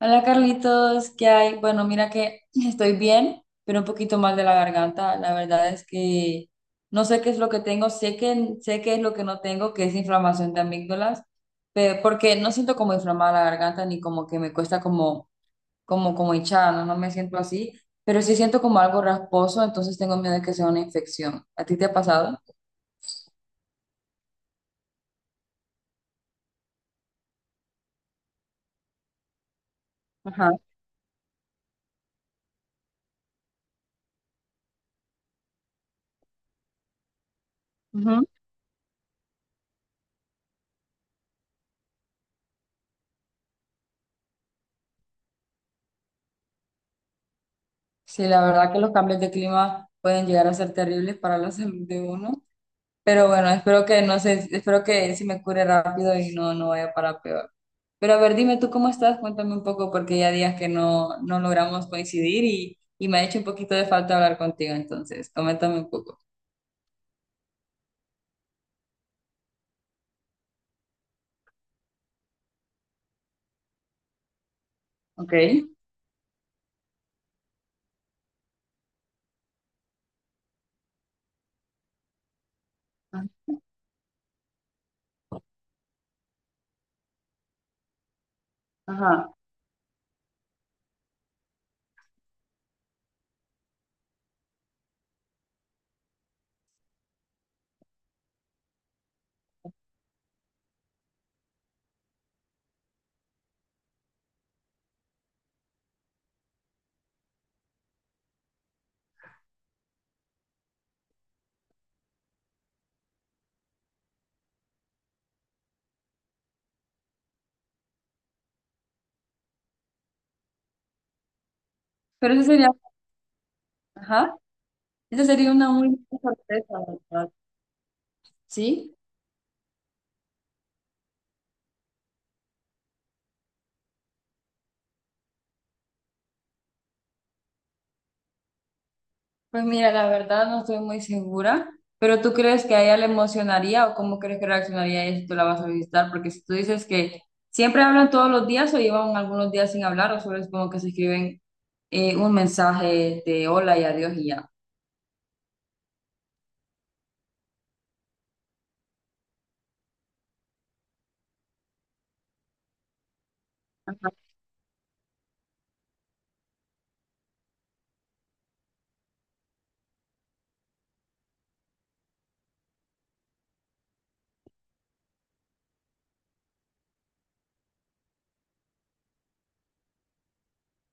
Hola Carlitos, ¿qué hay? Bueno, mira que estoy bien, pero un poquito mal de la garganta. La verdad es que no sé qué es lo que tengo, sé qué es lo que no tengo, que es inflamación de amígdalas, pero porque no siento como inflamada la garganta ni como que me cuesta como hinchada, no, no me siento así, pero sí siento como algo rasposo, entonces tengo miedo de que sea una infección. ¿A ti te ha pasado? Ajá. Ujú. Sí, la verdad que los cambios de clima pueden llegar a ser terribles para la salud de uno. Pero bueno, espero que no sé, espero que se me cure rápido y no, no vaya para peor. Pero a ver, dime tú cómo estás, cuéntame un poco, porque ya días que no, no logramos coincidir y me ha hecho un poquito de falta hablar contigo, entonces, coméntame un poco. Ok. Ajá. Pero eso sería, ajá, esa sería una muy buena sorpresa, ¿verdad? ¿Sí? Pues mira, la verdad no estoy muy segura, pero ¿tú crees que a ella le emocionaría o cómo crees que reaccionaría ella si tú la vas a visitar? Porque si tú dices que siempre hablan todos los días o llevan algunos días sin hablar o solo es como que se escriben un mensaje de hola y adiós y ya. Ajá,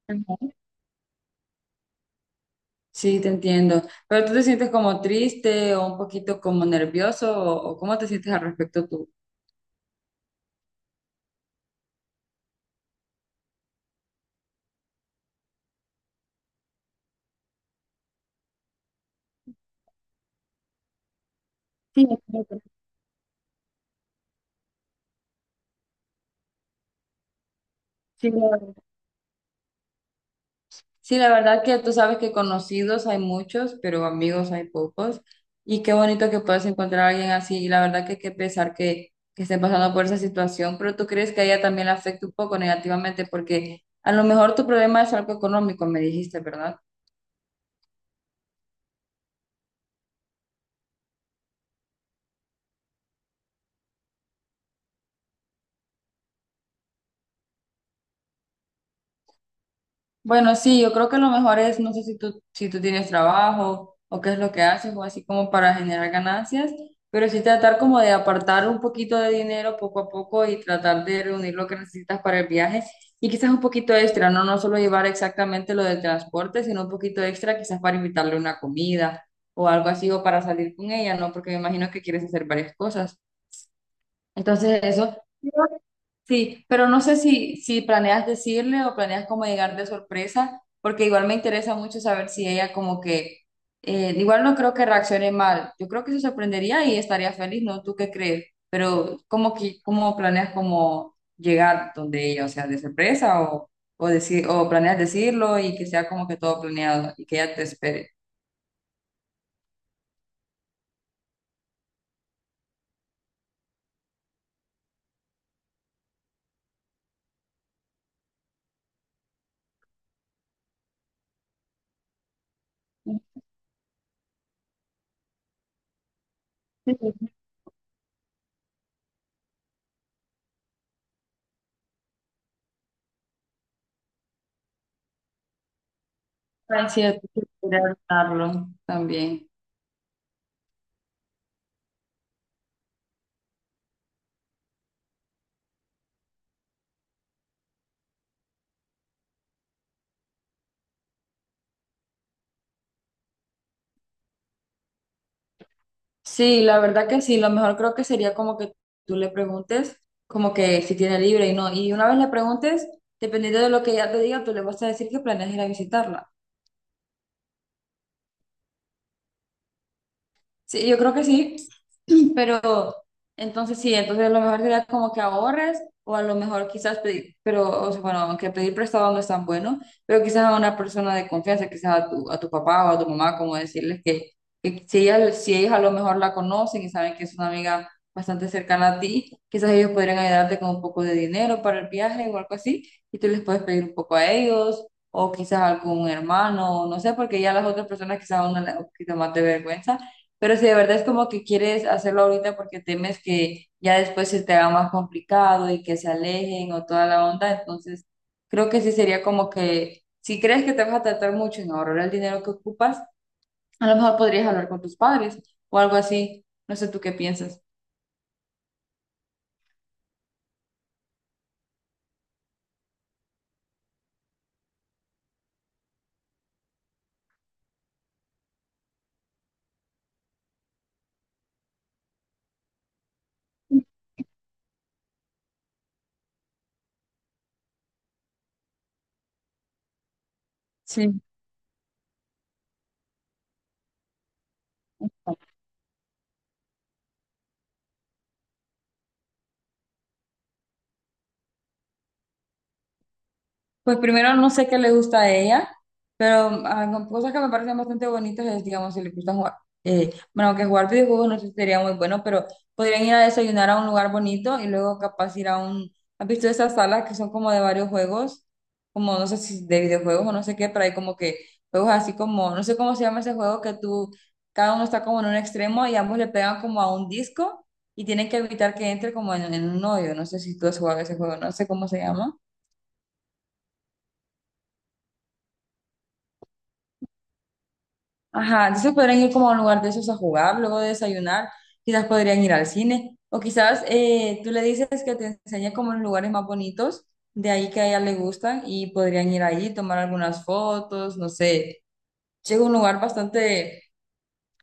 ajá. Sí, te entiendo. Pero tú te sientes como triste o un poquito como nervioso o cómo te sientes al respecto tú? Sí, sí, sí, la verdad. Sí, la verdad que tú sabes que conocidos hay muchos, pero amigos hay pocos. Y qué bonito que puedas encontrar a alguien así. Y la verdad que qué pesar que estén pasando por esa situación, pero tú crees que a ella también le afecta un poco negativamente porque a lo mejor tu problema es algo económico, me dijiste, ¿verdad? Bueno, sí, yo creo que lo mejor es, no sé si tú, si tú tienes trabajo o qué es lo que haces o así como para generar ganancias, pero sí tratar como de apartar un poquito de dinero poco a poco y tratar de reunir lo que necesitas para el viaje y quizás un poquito extra, no, no solo llevar exactamente lo del transporte, sino un poquito extra quizás para invitarle una comida o algo así o para salir con ella, ¿no? Porque me imagino que quieres hacer varias cosas. Entonces eso. Sí, pero no sé si planeas decirle o planeas como llegar de sorpresa, porque igual me interesa mucho saber si ella como que, igual no creo que reaccione mal, yo creo que se sorprendería y estaría feliz, ¿no? ¿Tú qué crees? Pero cómo que, ¿cómo planeas como llegar donde ella, o sea, de sorpresa o, decir, o planeas decirlo y que sea como que todo planeado y que ella te espere? Sí, sí, sí, es cierto, hay que esperarlo también. Sí, la verdad que sí, lo mejor creo que sería como que tú le preguntes como que si tiene libre y no, y una vez le preguntes, dependiendo de lo que ella te diga, tú le vas a decir que planeas ir a visitarla. Sí, yo creo que sí, pero entonces sí, entonces a lo mejor sería como que ahorres o a lo mejor quizás pedir, pero o sea, bueno, aunque pedir prestado no es tan bueno, pero quizás a una persona de confianza, quizás a tu papá o a tu mamá, como decirles que si ellas, si ellos a lo mejor la conocen y saben que es una amiga bastante cercana a ti, quizás ellos podrían ayudarte con un poco de dinero para el viaje o algo así, y tú les puedes pedir un poco a ellos. O quizás algún hermano, no sé, porque ya las otras personas quizás a una le da un poquito más de vergüenza pero si de verdad es como que quieres hacerlo ahorita porque temes que ya después se te haga más complicado y que se alejen o toda la onda, entonces creo que sí sería como que si crees que te vas a tratar mucho en ahorrar el dinero que ocupas, a lo mejor podrías hablar con tus padres o algo así. No sé tú qué piensas. Sí. Pues primero no sé qué le gusta a ella, pero ah, con cosas que me parecen bastante bonitas es, digamos, si le gusta jugar, bueno, que jugar videojuegos no sé si sería muy bueno, pero podrían ir a desayunar a un lugar bonito y luego capaz ir a un, ¿has visto esas salas que son como de varios juegos? Como no sé si de videojuegos o no sé qué, pero hay como que juegos así como, no sé cómo se llama ese juego que tú, cada uno está como en un extremo y ambos le pegan como a un disco y tienen que evitar que entre como en un hoyo, no sé si tú has jugado ese juego, no sé cómo se llama. Ajá, entonces podrían ir como a un lugar de esos a jugar, luego de desayunar, quizás podrían ir al cine, o quizás tú le dices que te enseñe como los lugares más bonitos de ahí que a ella le gustan y podrían ir ahí, tomar algunas fotos, no sé, llega un lugar bastante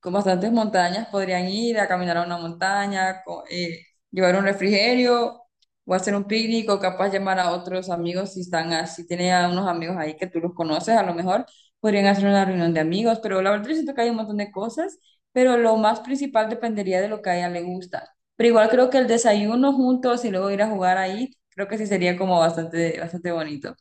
con bastantes montañas, podrían ir a caminar a una montaña, llevar un refrigerio o hacer un picnic o capaz llamar a otros amigos si están, a- si tienen a unos amigos ahí que tú los conoces, a lo mejor podrían hacer una reunión de amigos, pero la verdad yo siento que hay un montón de cosas, pero lo más principal dependería de lo que a ella le gusta. Pero igual creo que el desayuno juntos y luego ir a jugar ahí, creo que sí sería como bastante, bastante bonito.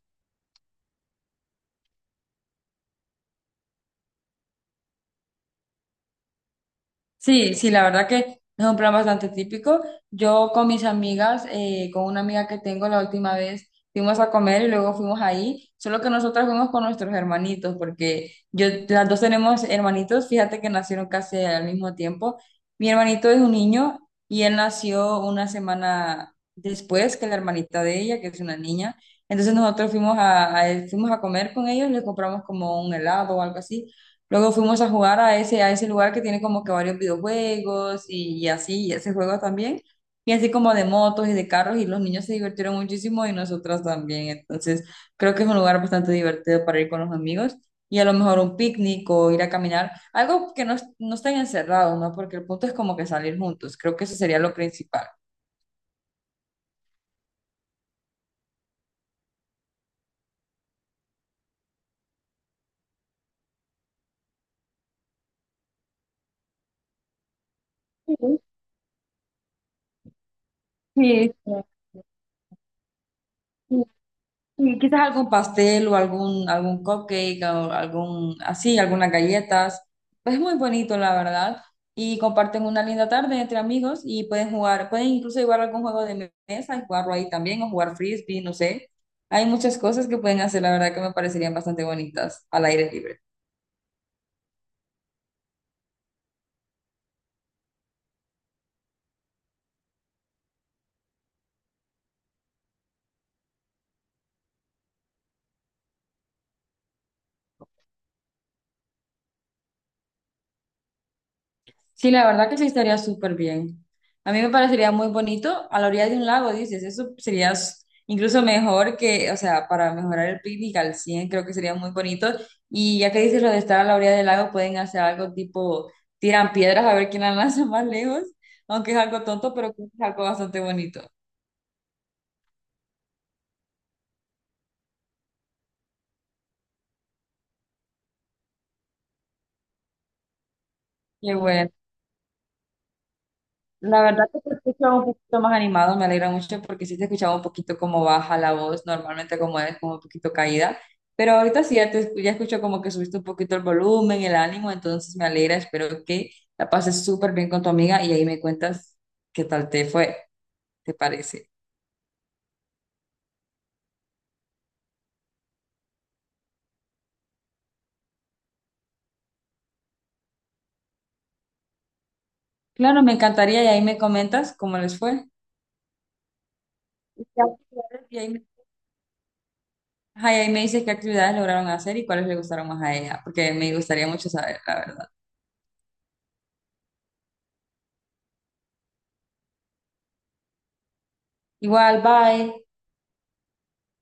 Sí, sí, la verdad que es un plan bastante típico. Yo con mis amigas, con una amiga que tengo la última vez, fuimos a comer y luego fuimos ahí, solo que nosotras fuimos con nuestros hermanitos, porque yo, las dos tenemos hermanitos, fíjate que nacieron casi al mismo tiempo. Mi hermanito es un niño y él nació una semana después que la hermanita de ella, que es una niña. Entonces nosotros fuimos a, fuimos a comer con ellos, les compramos como un helado o algo así. Luego fuimos a jugar a ese lugar que tiene como que varios videojuegos y así, y ese juego también. Y así como de motos y de carros, y los niños se divirtieron muchísimo y nosotras también. Entonces, creo que es un lugar bastante divertido para ir con los amigos y a lo mejor un picnic o ir a caminar, algo que no, no estén encerrados, ¿no? Porque el punto es como que salir juntos. Creo que eso sería lo principal. Sí, sí. Sí, quizás algún pastel o algún, algún cupcake o algún, así, algunas galletas. Pues es muy bonito, la verdad. Y comparten una linda tarde entre amigos y pueden jugar, pueden incluso jugar algún juego de mesa y jugarlo ahí también o jugar frisbee, no sé. Hay muchas cosas que pueden hacer, la verdad, que me parecerían bastante bonitas al aire libre. Sí, la verdad que sí estaría súper bien. A mí me parecería muy bonito a la orilla de un lago, dices, eso sería s- incluso mejor que, o sea, para mejorar el picnic al 100, creo que sería muy bonito. Y ya que dices lo de estar a la orilla del lago, pueden hacer algo tipo, tiran piedras a ver quién la lanza más lejos, aunque es algo tonto, pero creo que es algo bastante bonito. Qué bueno. La verdad que te escucho un poquito más animado, me alegra mucho porque sí te escuchaba un poquito como baja la voz, normalmente como es como un poquito caída, pero ahorita sí ya, te, ya escucho como que subiste un poquito el volumen, el ánimo, entonces me alegra, espero que la pases súper bien con tu amiga y ahí me cuentas qué tal te fue, ¿te parece? Claro, me encantaría y ahí me comentas cómo les fue. Y qué actividades- y ahí me, ajá, y ahí me dices qué actividades lograron hacer y cuáles le gustaron más a ella, porque me gustaría mucho saber, la verdad. Igual, bye.